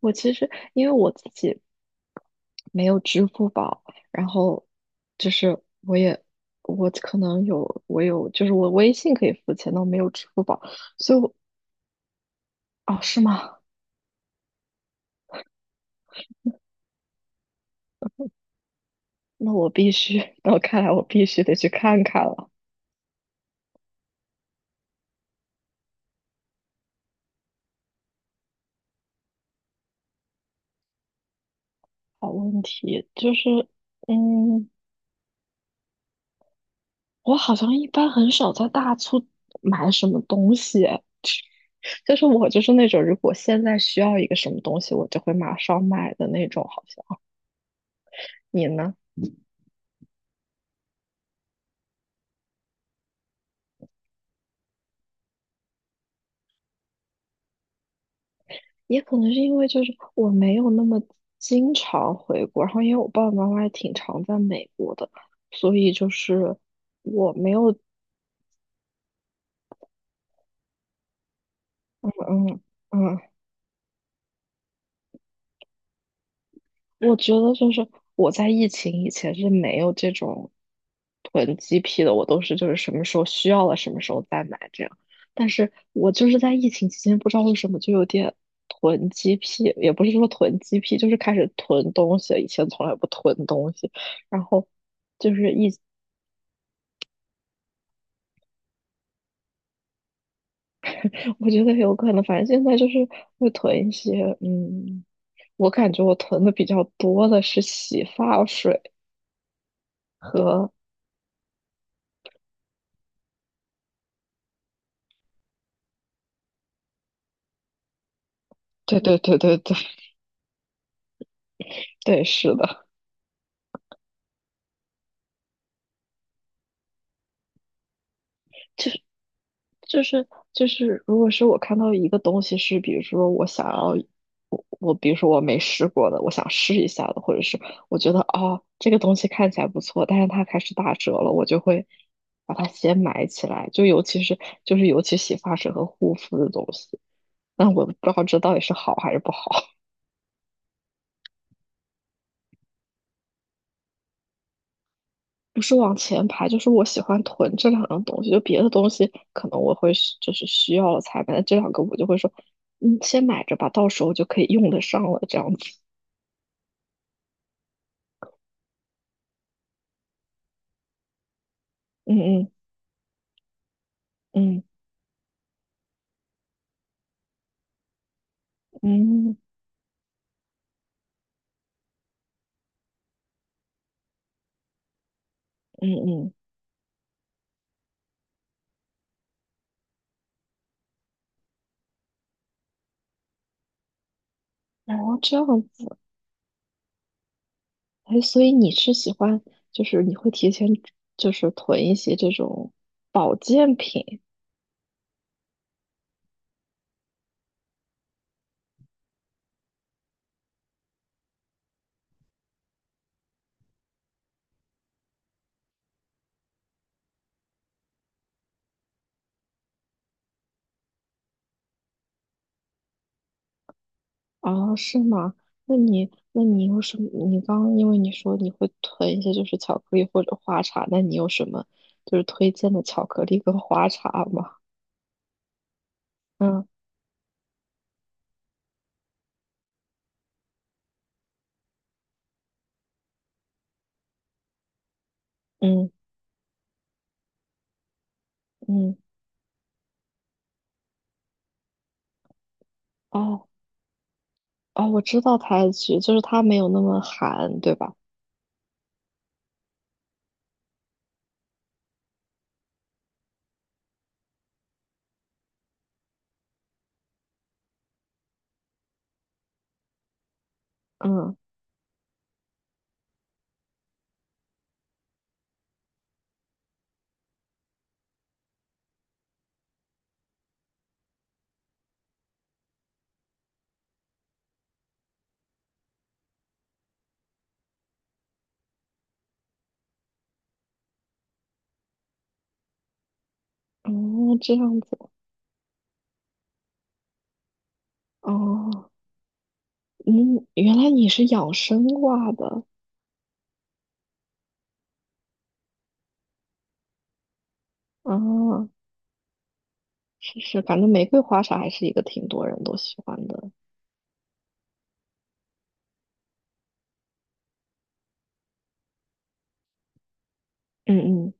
我其实因为我自己没有支付宝，然后就是我也我可能有我有就是我微信可以付钱，但我没有支付宝，所以我哦是吗？那我必须，那我看来我必须得去看看了。好问题就是，嗯，我好像一般很少在大促买什么东西，就是我就是那种如果现在需要一个什么东西，我就会马上买的那种，好像你呢？也可能是因为就是我没有那么经常回国，然后因为我爸爸妈妈也挺常在美国的，所以就是我没有，嗯嗯，我觉得就是我在疫情以前是没有这种囤积癖的，我都是就是什么时候需要了什么时候再买这样，但是我就是在疫情期间不知道为什么就有点。囤积癖也不是说囤积癖，就是开始囤东西以前从来不囤东西，然后就是疫我觉得有可能，反正现在就是会囤一些，我感觉我囤的比较多的是洗发水。对对对对对对，是的，就是，如果是我看到一个东西是，比如说我想要，我比如说我没试过的，我想试一下的，或者是我觉得哦这个东西看起来不错，但是它开始打折了，我就会把它先买起来，就尤其是就是尤其洗发水和护肤的东西，但我不知道这到底是好还是不好。不是往前排，就是我喜欢囤这两样东西。就别的东西可能我会需就是需要了才买，这两个我就会说，先买着吧，到时候就可以用得上了，这样子。嗯嗯嗯嗯嗯嗯，哦，这样子。哎，所以你是喜欢，就是你会提前就是囤一些这种保健品，哦，是吗？那你，那你有什么？你刚刚因为你说你会囤一些就是巧克力或者花茶，那你有什么就是推荐的巧克力跟花茶吗？嗯嗯嗯，哦哦，我知道胎菊，就是它没有那么寒，对吧？嗯哦，这样子哦，嗯，原来你是养生挂的啊，哦是是，反正玫瑰花茶还是一个挺多人都喜欢的，嗯嗯，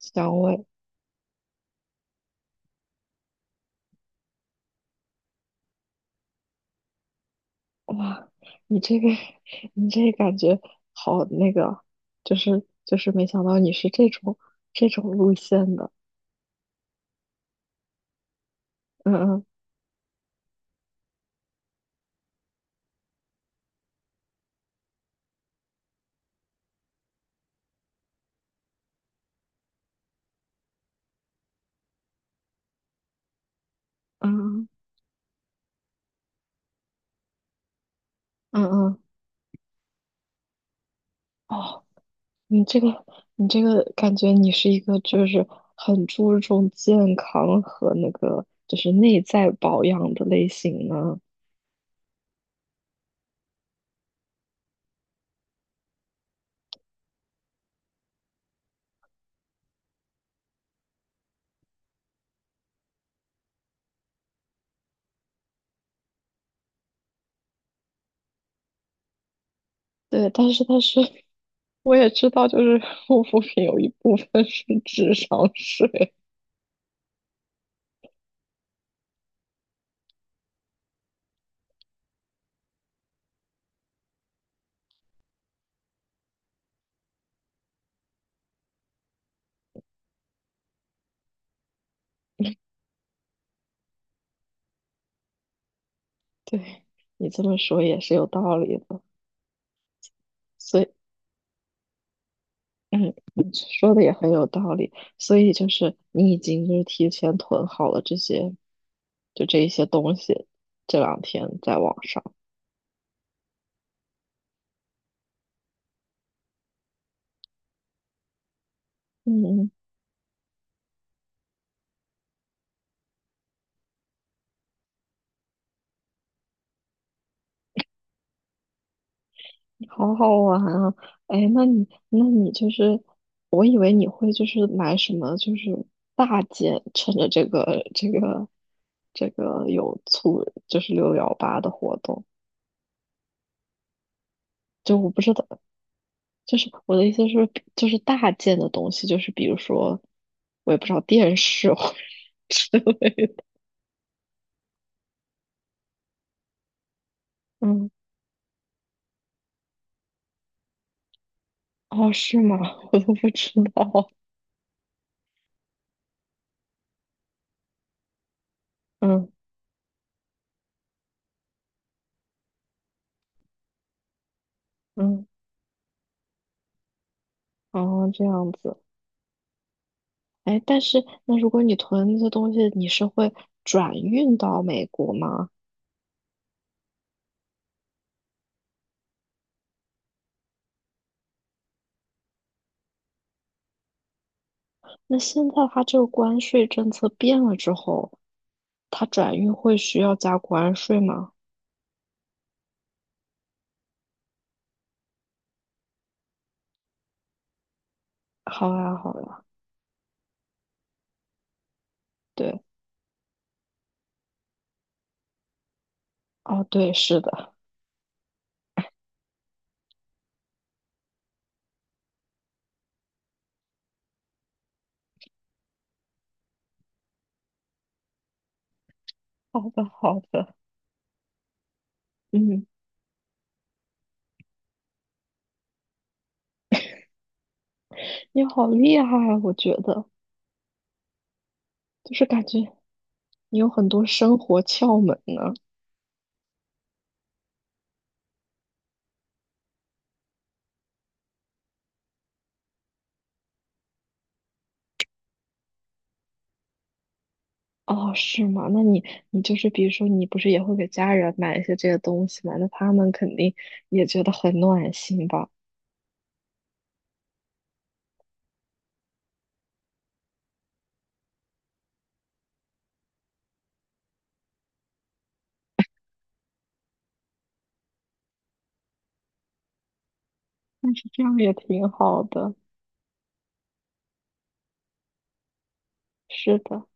香味。哇，你这个，你这感觉好那个，就是没想到你是这种路线的，嗯嗯嗯嗯嗯，哦，你这个你这个感觉你是一个就是很注重健康和那个就是内在保养的类型呢。对，但是我也知道，就是护肤品有一部分是 智商税。对，你这么说也是有道理的。所以。嗯，你说的也很有道理，所以就是你已经就是提前囤好了这些，就这一些东西，这两天在网上，嗯，好好玩啊！哎，那你就是，我以为你会就是买什么就是大件，趁着这个有促就是六幺八的活动，就我不知道就是我的意思是，就是大件的东西，就是比如说，我也不知道电视或者 之类的 嗯，哦，是吗？我都不知道。嗯嗯，哦，这样子。哎，但是那如果你囤那些东西，你是会转运到美国吗？那现在它这个关税政策变了之后，它转运会需要加关税吗？好呀，好呀，对，哦，对，是的，好的，好的，嗯。你好厉害啊，我觉得就是感觉你有很多生活窍门呢。哦，是吗？那你你就是比如说，你不是也会给家人买一些这些东西吗？那他们肯定也觉得很暖心吧？这样也挺好的。是的，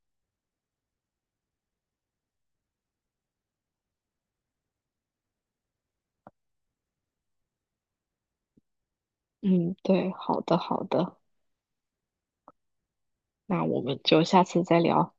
嗯，对，好的，好的。那我们就下次再聊。